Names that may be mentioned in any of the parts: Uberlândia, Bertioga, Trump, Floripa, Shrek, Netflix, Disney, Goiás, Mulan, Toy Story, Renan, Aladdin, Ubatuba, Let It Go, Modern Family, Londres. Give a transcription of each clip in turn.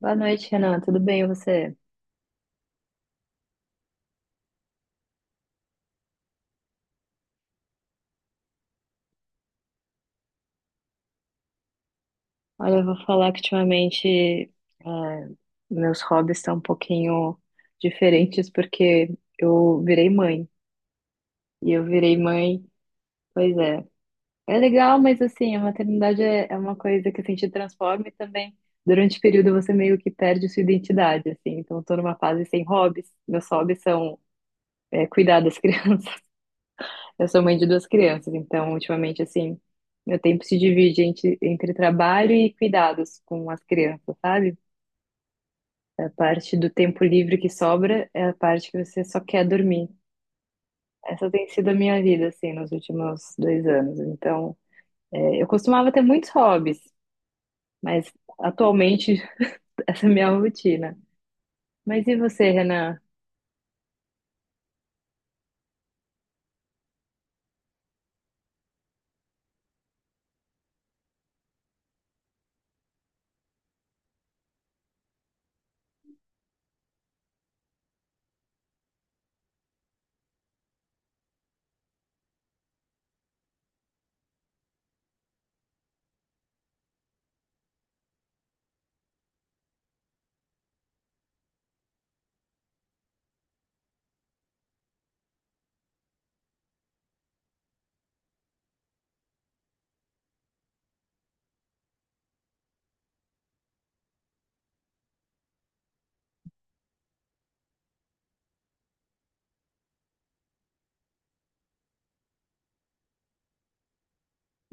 Boa noite, Renan. Tudo bem, e você? Olha, eu vou falar que ultimamente é, meus hobbies estão um pouquinho diferentes porque eu virei mãe. E eu virei mãe, pois é. É legal, mas assim, a maternidade é uma coisa que assim, te transforma e também durante o período você meio que perde sua identidade, assim. Então, eu tô numa fase sem hobbies. Meus hobbies são cuidar das crianças. Eu sou mãe de duas crianças, então ultimamente assim, meu tempo se divide entre trabalho e cuidados com as crianças, sabe? A parte do tempo livre que sobra é a parte que você só quer dormir. Essa tem sido a minha vida, assim, nos últimos dois anos. Então, eu costumava ter muitos hobbies, mas atualmente essa é a minha rotina. Mas e você, Renan?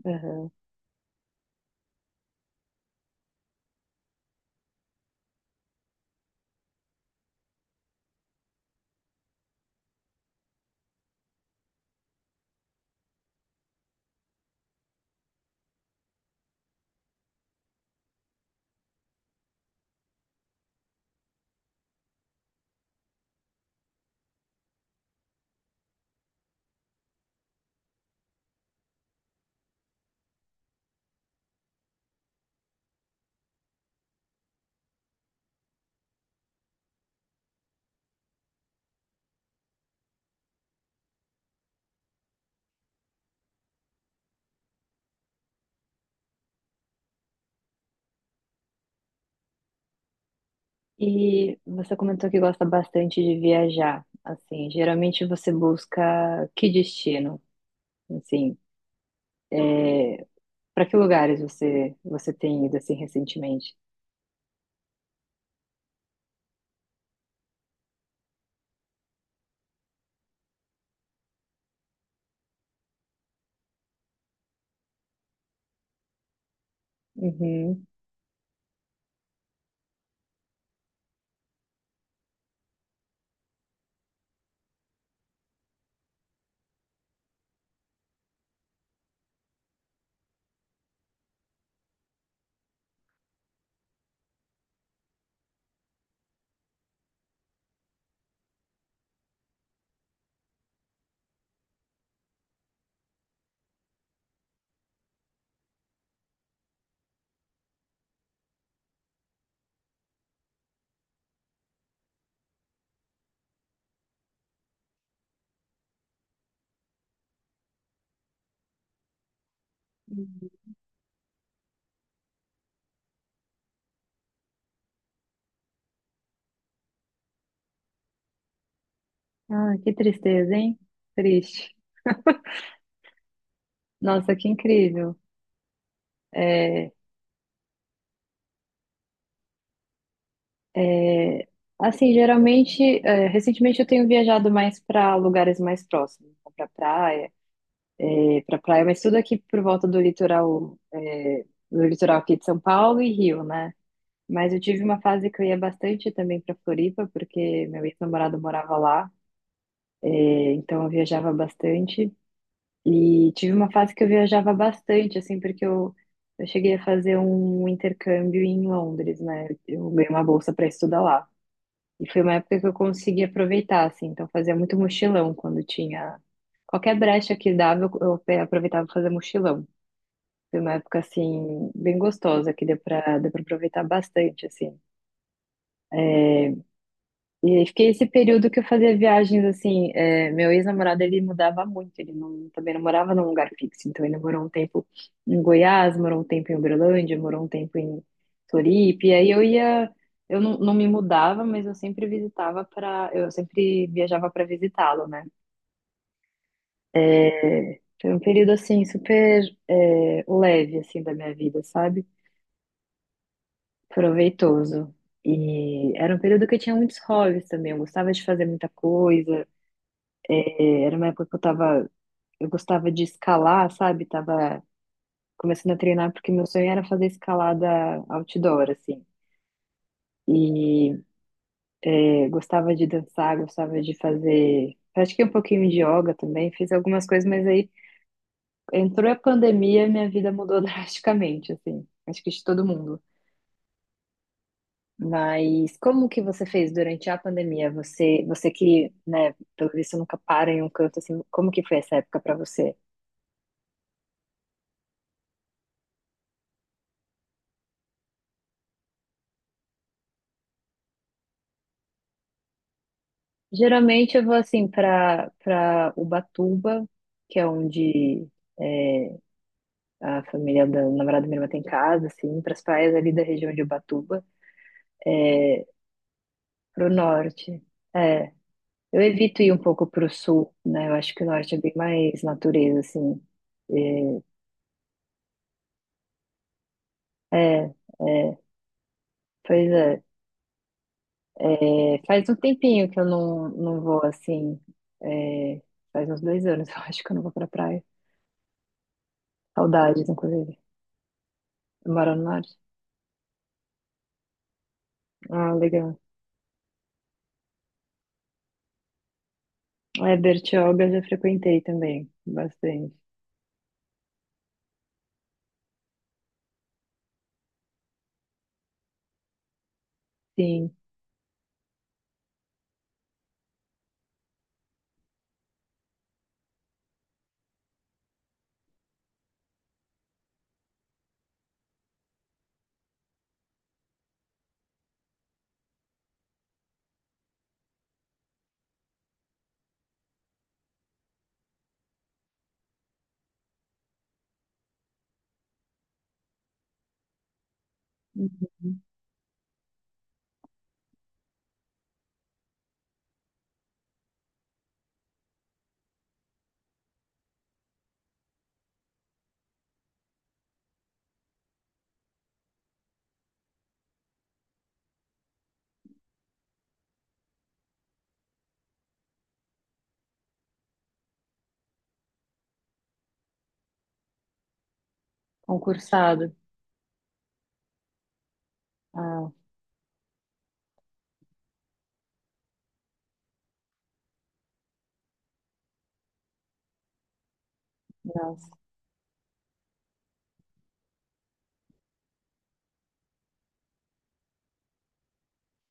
Aham. E você comentou que gosta bastante de viajar. Assim, geralmente você busca que destino? Assim, para que lugares você tem ido assim recentemente? Uhum. Ah, que tristeza, hein? Triste. Nossa, que incrível. É, é, assim, geralmente, recentemente eu tenho viajado mais para lugares mais próximos, para praia, mas tudo aqui por volta do litoral, do litoral aqui de São Paulo e Rio, né? Mas eu tive uma fase que eu ia bastante também para Floripa, porque meu ex-namorado morava lá, então eu viajava bastante. E tive uma fase que eu viajava bastante, assim, eu cheguei a fazer um intercâmbio em Londres, né? Eu ganhei uma bolsa para estudar lá. E foi uma época que eu consegui aproveitar, assim, então fazia muito mochilão quando tinha. Qualquer brecha que dava, aproveitava para fazer mochilão. Foi uma época, assim, bem gostosa, que deu para aproveitar bastante, assim. É, e aí fiquei esse período que eu fazia viagens assim. Meu ex-namorado ele mudava muito, ele não, também não morava num lugar fixo. Então ele morou um tempo em Goiás, morou um tempo em Uberlândia, morou um tempo em Floripa. E aí eu ia, eu não, não me mudava, mas eu sempre eu sempre viajava para visitá-lo, né? É, foi um período assim super leve assim da minha vida, sabe? Proveitoso. E era um período que eu tinha muitos hobbies também. Eu gostava de fazer muita coisa. É, era uma época que eu tava, eu gostava de escalar, sabe? Tava começando a treinar porque meu sonho era fazer escalada outdoor, assim. E gostava de dançar, gostava de fazer, pratiquei um pouquinho de yoga também, fiz algumas coisas, mas aí entrou a pandemia, e minha vida mudou drasticamente, assim. Acho que de todo mundo. Mas como que você fez durante a pandemia? Você que, né, pelo visto nunca para em um canto, assim, como que foi essa época pra você? Geralmente eu vou assim para Ubatuba, que é onde é, a família da namorada da minha irmã tem casa, assim, para as praias ali da região de Ubatuba, é, pro norte. É, eu evito ir um pouco pro sul, né? Eu acho que o norte é bem mais natureza, assim. É, é, é, pois é, é, faz um tempinho que eu não, não vou assim. É, faz uns dois anos, eu acho que eu não vou pra praia. Saudades, inclusive. Eu moro no norte. Ah, legal. É, Bertioga eu já frequentei também, bastante. Sim. Uhum. Concursado. Ah, nossa.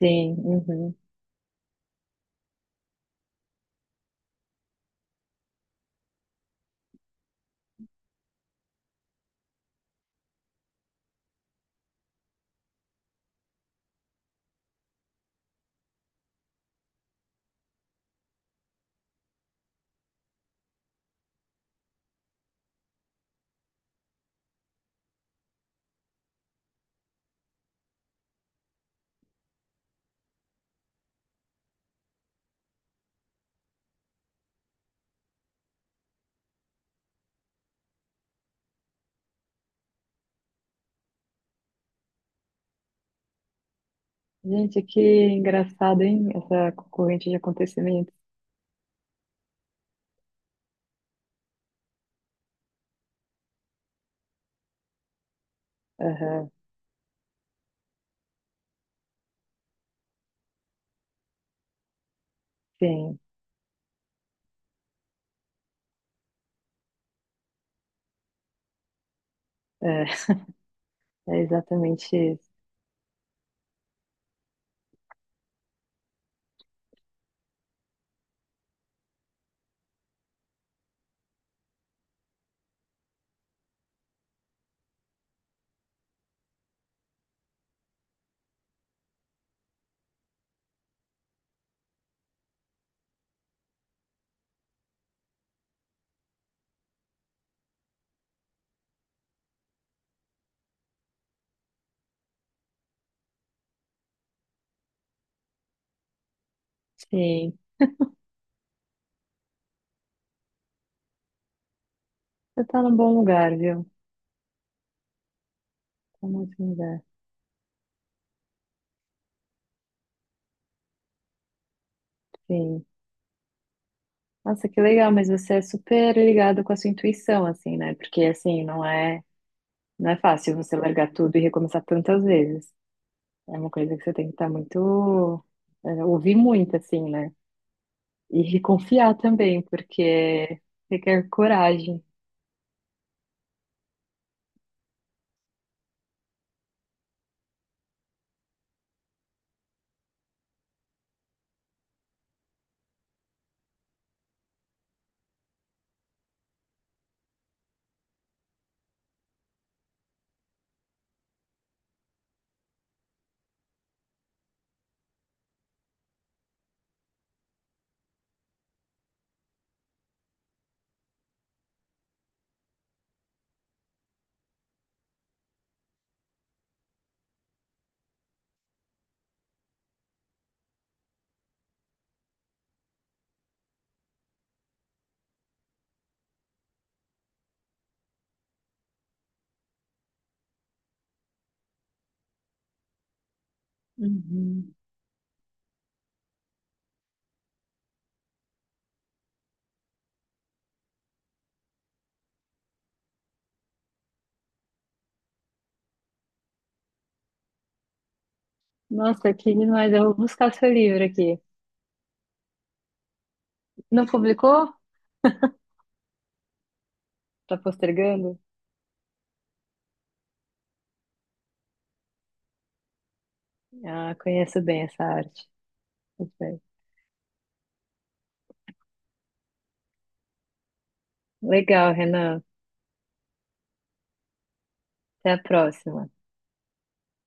Sim. Uhum. Gente, que engraçado, hein? Essa corrente de acontecimentos. Aham, sim. É. É exatamente isso. Sim. Você tá num bom lugar, viu? Tá num ótimo lugar. Sim. Nossa, que legal, mas você é super ligado com a sua intuição, assim, né? Porque, assim, não é fácil você largar tudo e recomeçar tantas vezes. É uma coisa que você tem que estar muito, é, ouvir muito, assim, né? E confiar também, porque requer coragem. Uhum. Nossa, que demais. Eu vou buscar seu livro aqui. Não publicou? Tá postergando? Ah, conheço bem essa arte. Muito bem. Legal, Renan. Até a próxima.